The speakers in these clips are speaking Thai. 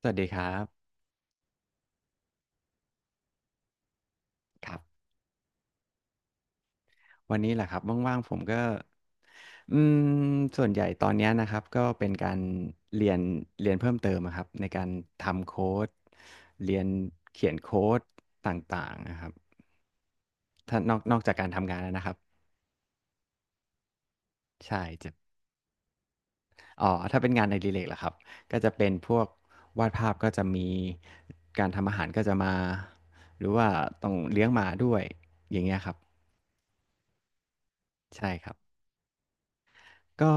สวัสดีครับครับวันนี้แหละครับว่างๆผมก็อืมส่วนใหญ่ตอนเนี้ยนะครับก็เป็นการเรียนเรียนเพิ่มเติมอะครับในการทำโค้ดเรียนเขียนโค้ดต่างๆนะครับถ้านอกจากการทำงานแล้วนะครับใช่จะอ๋อถ้าเป็นงานในรีเลกล่ะครับก็จะเป็นพวกวาดภาพก็จะมีการทำอาหารก็จะมาหรือว่าต้องเลี้ยงหมาด้วยอย่างเงี้ยครับใช่ครับ ก็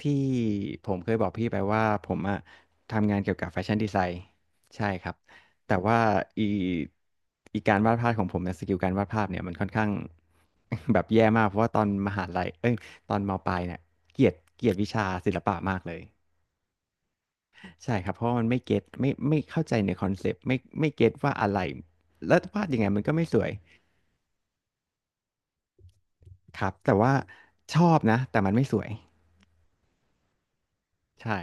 ที่ผมเคยบอกพี่ไปว่าผมอะทำงานเกี่ยวกับแฟชั่นดีไซน์ใช่ครับแต่ว่าอีการวาดภาพของผมเนี่ยสกิลการวาดภาพเนี่ยมันค่อนข้าง แบบแย่มากเพราะว่าตอนมหาลัยเอ้ยตอนมปลายเนี่ยเกลียดวิชาศิลปะมากเลยใช่ครับเพราะว่ามันไม่เก็ตไม่ไม่เข้าใจในคอนเซปต์ไม่เก็ตว่าอะไรแล้ววาดยังไงมันก็ไม่สวยครับแต่ว่าชอบนะแต่มันไม่สวยใช่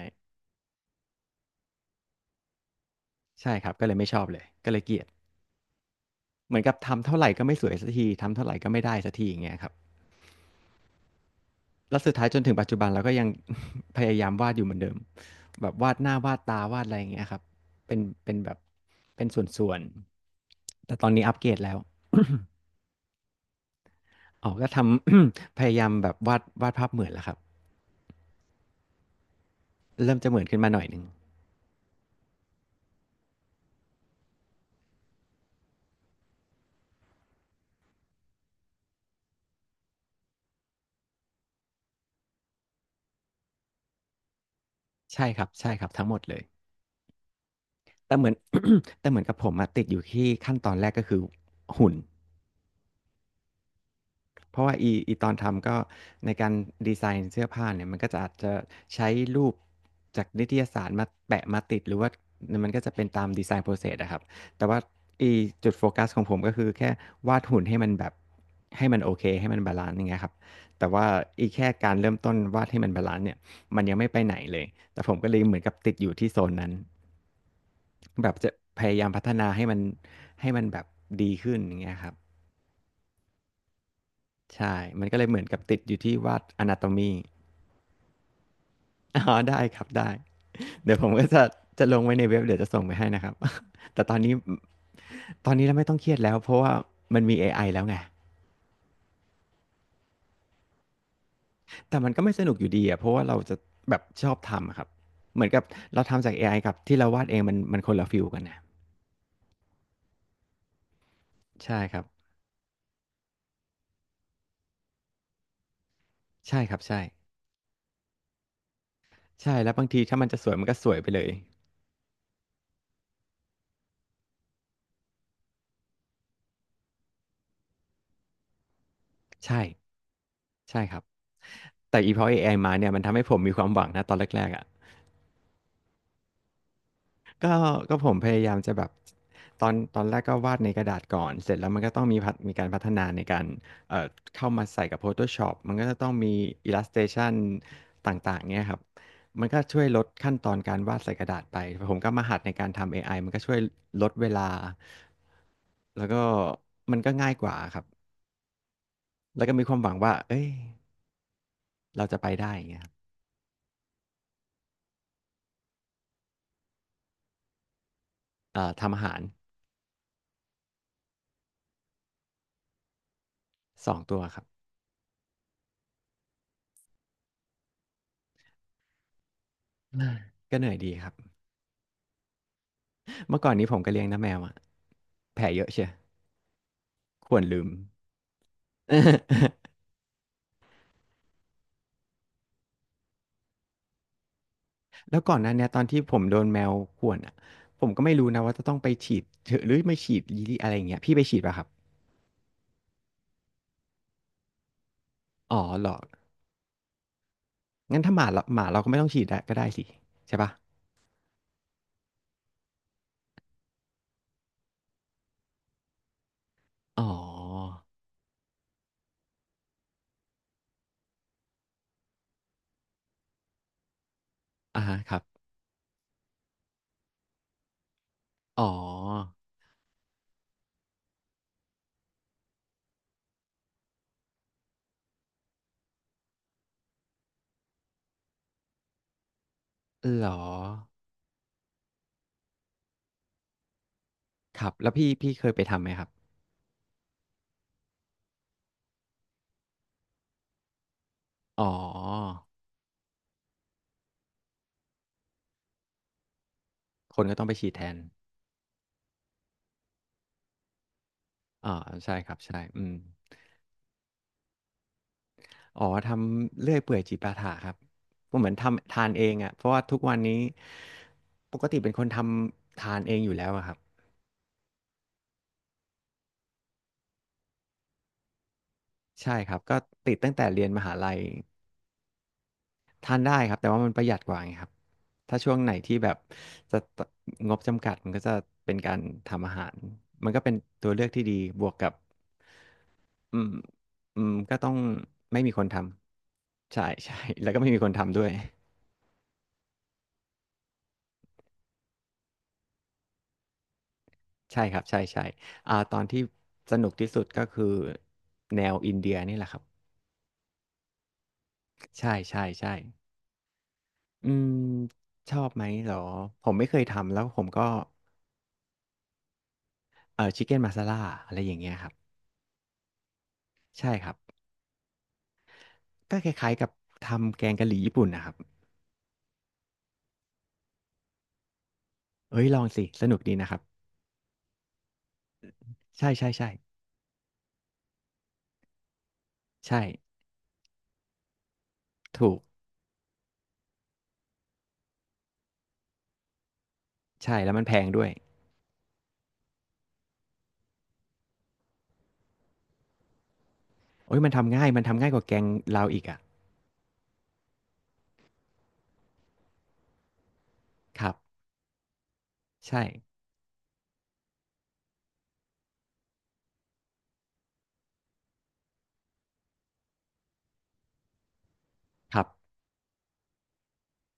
ใช่ครับก็เลยไม่ชอบเลยก็เลยเกลียด เหมือนกับทำเท่าไหรก็ไม่สวยสักทีทำเท่าไหรก็ไม่ได้สักทีอย่างเงี้ยครับแล้วสุดท้ายจนถึงปัจจุบันเราก็ยัง พยายามวาดอยู่เหมือนเดิมแบบวาดหน้าวาดตาวาดอะไรอย่างเงี้ยครับเป็นแบบเป็นส่วนๆแต่ตอนนี้อัปเกรดแล้ว อ๋อก็ทำ พยายามแบบวาดภาพเหมือนแล้วครับเริ่มจะเหมือนขึ้นมาหน่อยหนึ่งใช่ครับใช่ครับทั้งหมดเลย แต่เหมือน แต่เหมือนกับผมอะติดอยู่ที่ขั้นตอนแรกก็คือหุ่น เพราะว่าตอนทำก็ในการดีไซน์เสื้อผ้าเนี่ยมันก็จะอาจจะใช้รูปจากนิตยสารมาแปะมาติดหรือว่ามันก็จะเป็นตามดีไซน์ process อะครับแต่ว่าอีจุดโฟกัสของผมก็คือแค่วาดหุ่นให้มันแบบให้มันโอเคให้มันบาลันซ์อย่างเงี้ยครับแต่ว่าแค่การเริ่มต้นวาดให้มันบาลันซ์เนี่ยมันยังไม่ไปไหนเลยแต่ผมก็เลยเหมือนกับติดอยู่ที่โซนนั้นแบบจะพยายามพัฒนาให้มันให้มันแบบดีขึ้นอย่างเงี้ยครับใช่มันก็เลยเหมือนกับติดอยู่ที่วาด anatomy อ๋อได้ครับได้เดี๋ยวผมก็จะจะลงไว้ในเว็บเดี๋ยวจะส่งไปให้นะครับ แต่ตอนนี้ตอนนี้เราไม่ต้องเครียดแล้วเพราะว่ามันมีเอไอแล้วไงแต่มันก็ไม่สนุกอยู่ดีอะเพราะว่าเราจะแบบชอบทำอะครับเหมือนกับเราทำจากเอไอกับที่เราวาดเองมันคนละฟิลกันนะใช่ครับใช่ครับใช่ใช่แล้วบางทีถ้ามันจะสวยมันก็สวยไปเลยใช่ใช่ครับแต่พอเอไอมาเนี่ยมันทำให้ผมมีความหวังนะตอนแรกๆอะ ก็ก็ผมพยายามจะแบบตอนแรกก็วาดในกระดาษก่อนเสร็จแล้วมันก็ต้องมีมีการพัฒนาในการเอ่อเข้ามาใส่กับ Photoshop มันก็จะต้องมี Illustration ต่างๆเงี้ยครับมันก็ช่วยลดขั้นตอนการวาดใส่กระดาษไปผมก็มาหัดในการทำเอไอมันก็ช่วยลดเวลาแล้วก็มันก็ง่ายกว่าครับแล้วก็มีความหวังว่าเอ้ยเราจะไปได้อย่างเงี้ยครับทำอาหาร2ตัวครับอาก็เหนื่อยดีครับ เมื่อก่อนนี้ผมก็เลี้ยงน้าแมวอะแผลเยอะเชียวข่วนลืม แล้วก่อนหน้นเนี้ยตอนที่ผมโดนแมวข่วนอะ ผมก็ไม่รู้นะว่าจะต้องไปฉีดหรือไม่ฉีดยีอะไรอย่างเงี้ยพี่ไปฉีดป่ะครับ อ๋อเหรองั้นถ้าหมาเราก็ไม่ต้องฉีดได้ก็ได้สิใช่ป่ะอ๋ออ่าฮะครับ อ๋อ เหรอ ครับ แล้วพี่เคยไปทำไหมครับ อ๋อ คนก็ต้องไปฉีดแทนอ่าใช่ครับใช่อืม อ๋อทำเลื่อยเปื่อยจิปาถะครับก็เหมือนทำทานเองอ่ะเพราะว่าทุกวันนี้ปกติเป็นคนทำทานเองอยู่แล้วอะครับใช่ครับก็ติดตั้งแต่เรียนมหาลัยทานได้ครับแต่ว่ามันประหยัดกว่าไงครับถ้าช่วงไหนที่แบบจะงบจำกัดมันก็จะเป็นการทำอาหารมันก็เป็นตัวเลือกที่ดีบวกกับอืมก็ต้องไม่มีคนทำใช่ใช่แล้วก็ไม่มีคนทำด้วย ใช่ครับใช่ใช่ตอนที่สนุกที่สุดก็คือแนวอินเดียนี่แหละครับใช่ใช่ใช่อืมชอบไหมเหรอผมไม่เคยทำแล้วผมก็ชิคเก้นมาซาล่าอะไรอย่างเงี้ยครับใช่ครับก็คล้ายๆกับทำแกงกะหรี่ญี่ปุ่นนะครับเอ้ยลองสิสนุกดีนะครับใช่ใช่ใช่ใช่ถูกใช่แล้วมันแพงด้วยโอ้ยมันทำง่ายกว่าแกงเราอีกอ่ะครับใช่ครับ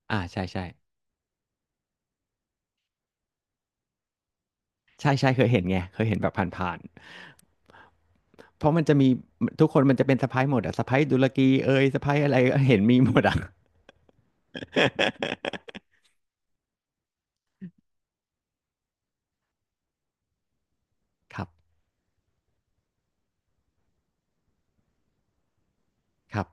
อ่าใช่ใช่ ใช่ใช่เคยเห็นไงเคยเห็นแบบผ่านๆเพราะมันจะมีทุกคนมันจะเป็นสะพ้ายหมดอะสะพ้ายดุลกีเอยสะพ้ายอะไรเห็นมีหมดอะ ครับครับ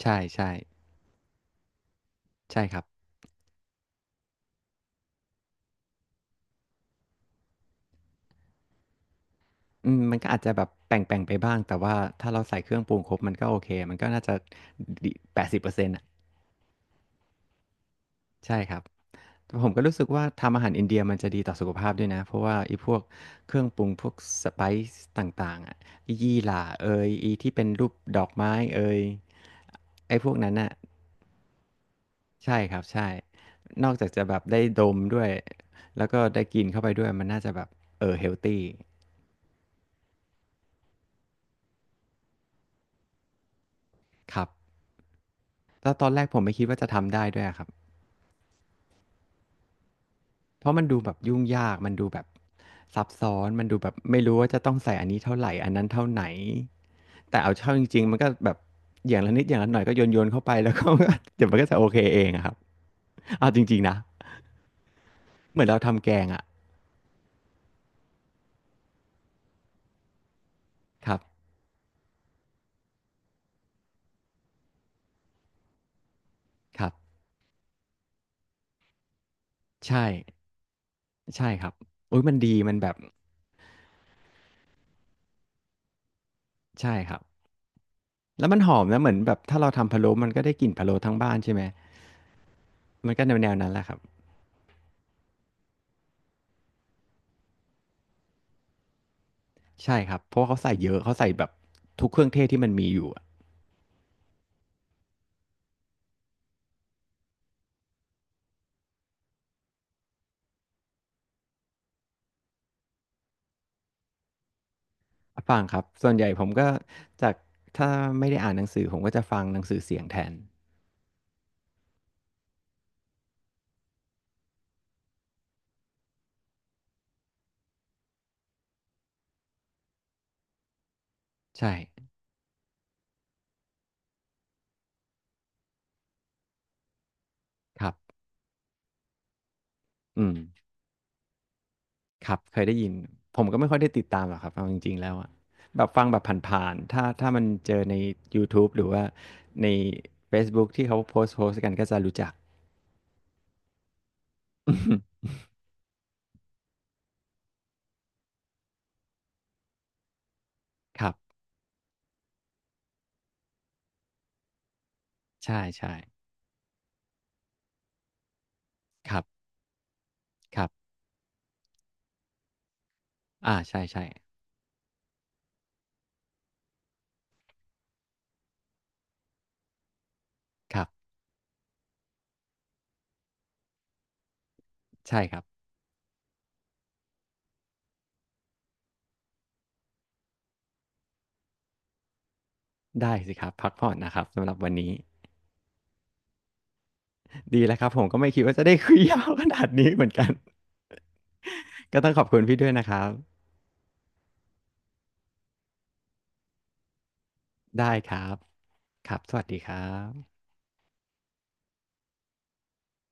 ใช่ใช่ใช่ครับอืมมันก็อาจจะแบบแป่งแป่งไปบ้างแต่ว่าถ้าเราใส่เครื่องปรุงครบมันก็โอเคมันก็น่าจะ80%อ่ะใช่ครับ ผมก็รู้สึกว่าทำอาหารอินเดียมันจะดีต่อสุขภาพด้วยนะเพราะว่าไอ้พวกเครื่องปรุงพวกสไปซ์ต่างๆอะอียี่หร่าเอยอีที่เป็นรูปดอกไม้เอยไอ้พวกนั้นน่ะใช่ครับใช่นอกจากจะแบบได้ดมด้วยแล้วก็ได้กินเข้าไปด้วยมันน่าจะแบบเฮลตีครับแล้วตอนแรกผมไม่คิดว่าจะทำได้ด้วยอะครับ เพราะมันดูแบบยุ่งยากมันดูแบบซับซ้อนมันดูแบบไม่รู้ว่าจะต้องใส่อันนี้เท่าไรอันนั้นเท่าไหนแต่เอาเข้าจริงๆมันก็แบบอย่างละนิดอย่างละหน่อยก็โยนๆเข้าไปแล้วก็เดี๋ยวมันก็จะโอเคเองอะครับเอาจริงๆนะเหมือนเราทำแกงอะครับครับใช่ใช่ครับอุ๊ยมันดีมันแบบใช่ครับแล้วมันหอมนะเหมือนแบบถ้าเราทำพะโล้มันก็ได้กลิ่นพะโล้ทั้งบ้านใช่ไหมมันก็แนวๆนั้นแหละครับใช่ครับเพราะว่าเขาใส่เยอะเขาใส่แบบทุกเครื่องเทศที่มันมีอยู่อะ ฟังครับส่วนใหญ่ผมก็จากถ้าไม่ได้อ่านหนังสือผมก็จะฟังหนังสือเสียงแทนใช่ครับอืมครับเคยได้ยินผมก็ไม่ค่อยได้ติดตามหรอกครับเอาจริงๆแล้วอะแบบฟังแบบผ่านๆถ้ามันเจอในยูทูบหรือว่าในเฟซบุ๊กที่เขาโพสต์กันก็จะรู้จัก อือฮึครับใช่ๆครับครับอาใช่ๆครับใช่ครับได้สิครับพักผ่อนนะครับสำหรับวันนี้ดีแล้วครับผมก็ไม่คิดว่าจะได้คุยยาวขนาดนี้เหมือนกัน ก็ต้องขอบคุณพี่ด้วยนะครับ ได้ครับ ครับ สวัสดีครับ